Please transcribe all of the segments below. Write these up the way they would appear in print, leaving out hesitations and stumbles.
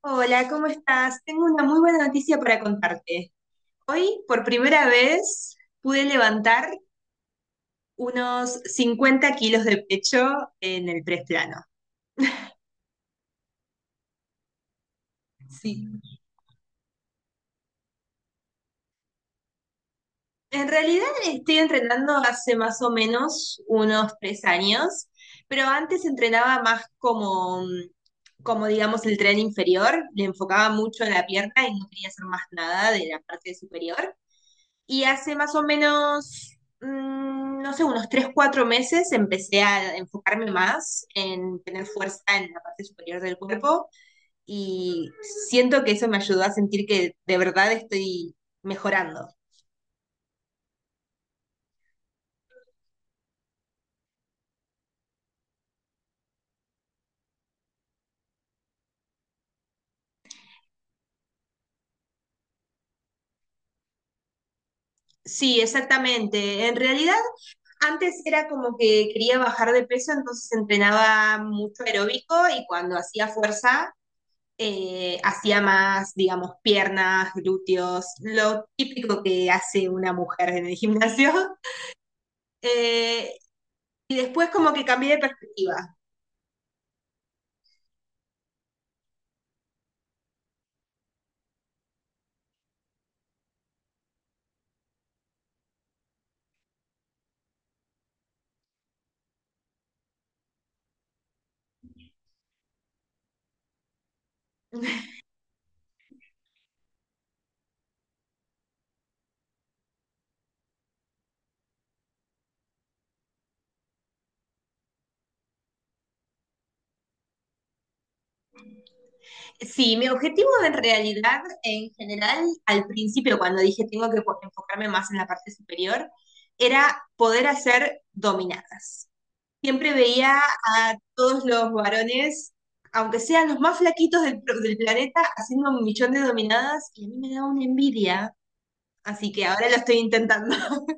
Hola, ¿cómo estás? Tengo una muy buena noticia para contarte. Hoy, por primera vez, pude levantar unos 50 kilos de pecho en el press plano. Sí. En realidad estoy entrenando hace más o menos unos 3 años, pero antes entrenaba más como digamos, el tren inferior, le enfocaba mucho en la pierna y no quería hacer más nada de la parte superior. Y hace más o menos, no sé, unos 3 o 4 meses empecé a enfocarme más en tener fuerza en la parte superior del cuerpo y siento que eso me ayudó a sentir que de verdad estoy mejorando. Sí, exactamente. En realidad, antes era como que quería bajar de peso, entonces entrenaba mucho aeróbico y cuando hacía fuerza hacía más, digamos, piernas, glúteos, lo típico que hace una mujer en el gimnasio. Eh, y después como que cambié de perspectiva. Sí, mi objetivo en realidad, en general, al principio, cuando dije tengo que enfocarme más en la parte superior, era poder hacer dominadas. Siempre veía a todos los varones, aunque sean los más flaquitos del planeta, haciendo un millón de dominadas y a mí me daba una envidia. Así que ahora lo estoy intentando.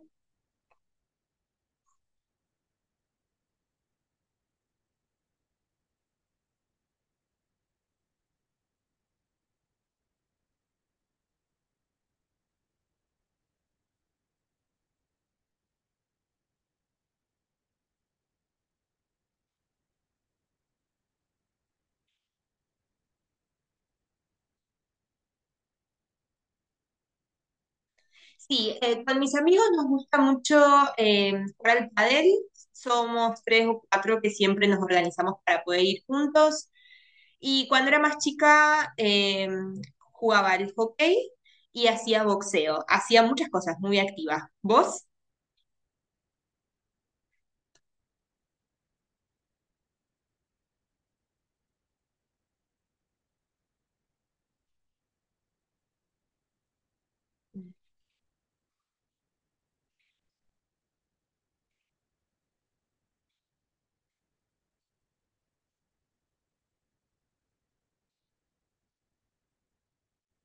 Sí, con mis amigos nos gusta mucho jugar al pádel. Somos tres o cuatro que siempre nos organizamos para poder ir juntos. Y cuando era más chica, jugaba al hockey y hacía boxeo. Hacía muchas cosas muy activas. ¿Vos?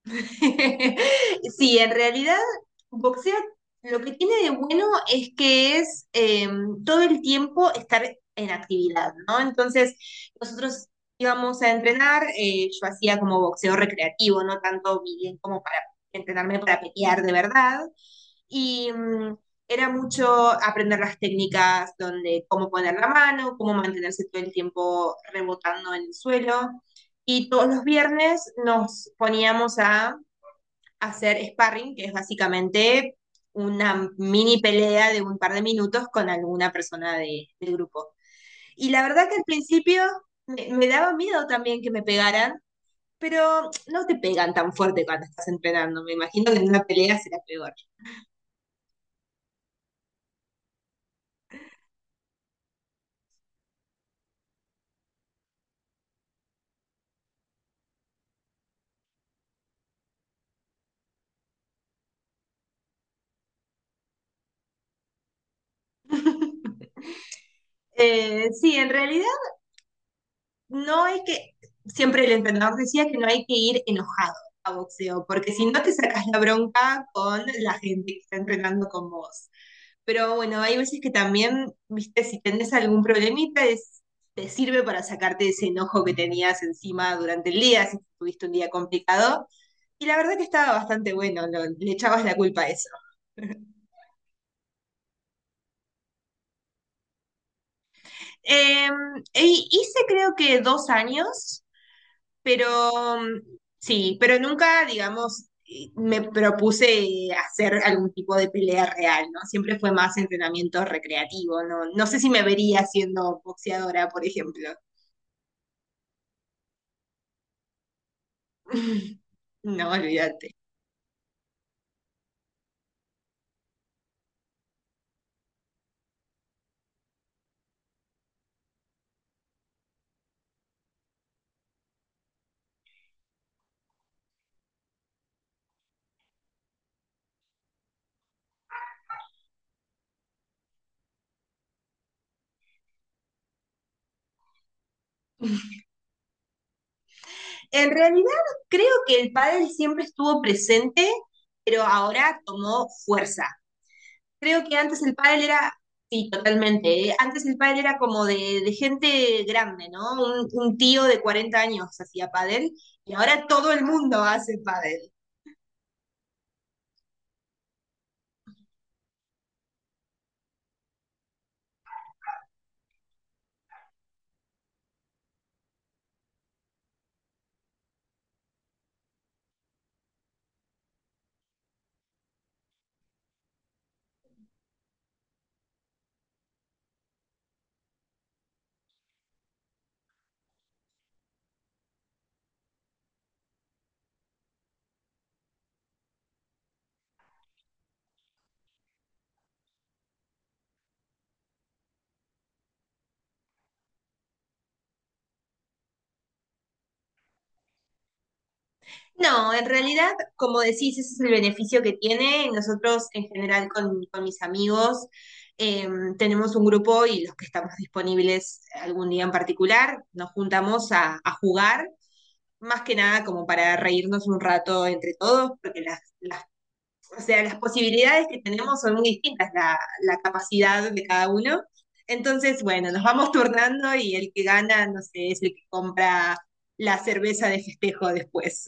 Sí, en realidad, boxeo lo que tiene de bueno es que es todo el tiempo estar en actividad, ¿no? Entonces, nosotros íbamos a entrenar, yo hacía como boxeo recreativo, no tanto bien como para entrenarme para pelear de verdad, y era mucho aprender las técnicas donde cómo poner la mano, cómo mantenerse todo el tiempo rebotando en el suelo. Y todos los viernes nos poníamos a hacer sparring, que es básicamente una mini pelea de un par de minutos con alguna persona del grupo. Y la verdad que al principio me daba miedo también que me pegaran, pero no te pegan tan fuerte cuando estás entrenando. Me imagino que en una pelea será peor. Sí, en realidad no es que siempre el entrenador decía que no hay que ir enojado a boxeo, porque si no te sacas la bronca con la gente que está entrenando con vos. Pero bueno, hay veces que también, viste, si tenés algún problemita, te sirve para sacarte ese enojo que tenías encima durante el día, si tuviste un día complicado. Y la verdad que estaba bastante bueno, le echabas la culpa a eso. Eh, E hice creo que 2 años, pero sí, pero nunca, digamos, me propuse hacer algún tipo de pelea real, ¿no? Siempre fue más entrenamiento recreativo, ¿no? No sé si me vería siendo boxeadora, por ejemplo. No, olvídate. En realidad creo que el pádel siempre estuvo presente, pero ahora tomó fuerza. Creo que antes el pádel era, sí, totalmente. Antes el pádel era como de gente grande, ¿no? Un tío de 40 años hacía pádel y ahora todo el mundo hace pádel. No, en realidad, como decís, ese es el beneficio que tiene. Nosotros, en general, con mis amigos, eh, tenemos un grupo y los que estamos disponibles algún día en particular, nos juntamos a jugar, más que nada como para reírnos un rato entre todos, porque o sea, las posibilidades que tenemos son muy distintas, la capacidad de cada uno. Entonces, bueno, nos vamos turnando y el que gana, no sé, es el que compra la cerveza de festejo después.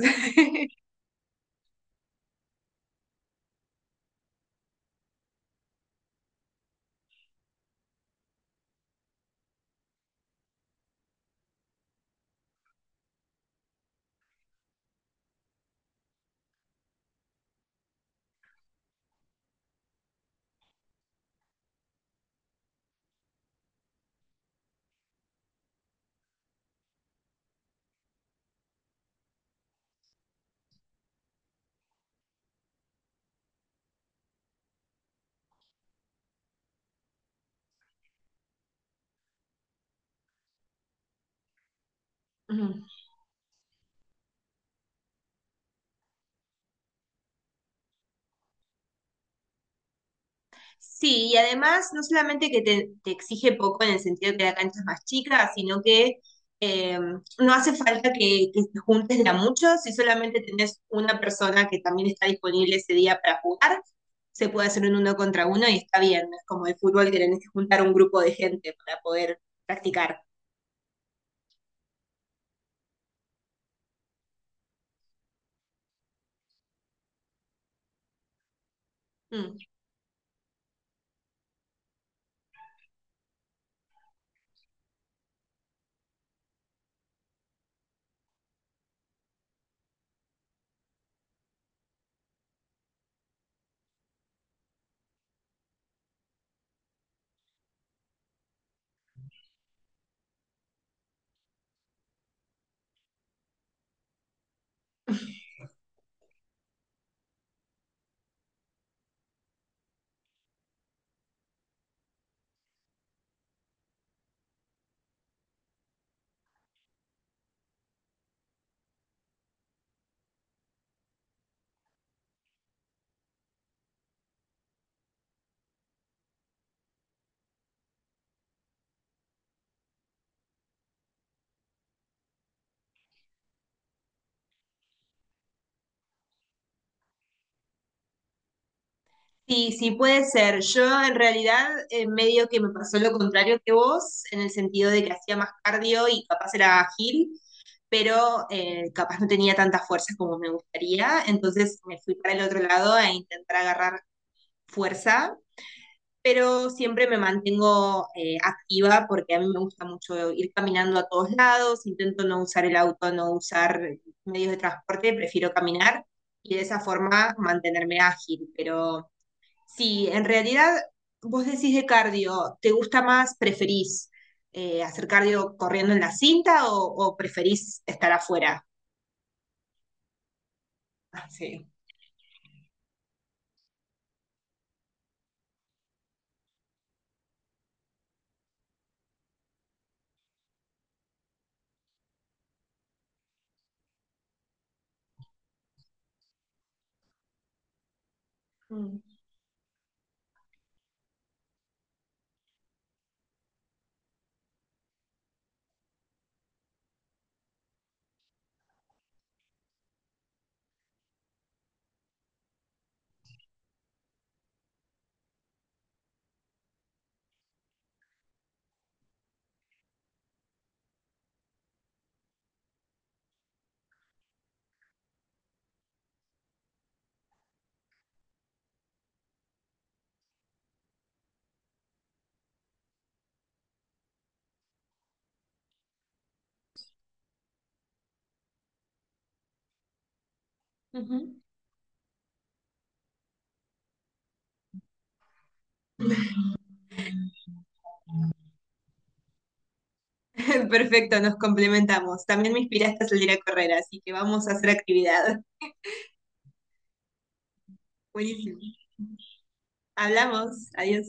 Sí, y además no solamente que te exige poco en el sentido de que la cancha es más chica, sino que eh, no hace falta que te juntes de a muchos, si solamente tenés una persona que también está disponible ese día para jugar, se puede hacer un uno contra uno y está bien, no es como el fútbol que tenés que juntar un grupo de gente para poder practicar. Mm. Sí, sí puede ser. Yo en realidad medio que me pasó lo contrario que vos, en el sentido de que hacía más cardio y capaz era ágil, pero capaz no tenía tanta fuerza como me gustaría, entonces me fui para el otro lado a intentar agarrar fuerza, pero siempre me mantengo activa porque a mí me gusta mucho ir caminando a todos lados, intento no usar el auto, no usar medios de transporte, prefiero caminar y de esa forma mantenerme ágil, pero sí, en realidad vos decís de cardio, ¿te gusta más, preferís hacer cardio corriendo en la cinta o preferís estar afuera? Ah, sí. Mm. Ujú. Perfecto, nos complementamos. También me inspiraste a salir a correr, así que vamos a hacer actividad. Buenísimo. Hablamos. Adiós.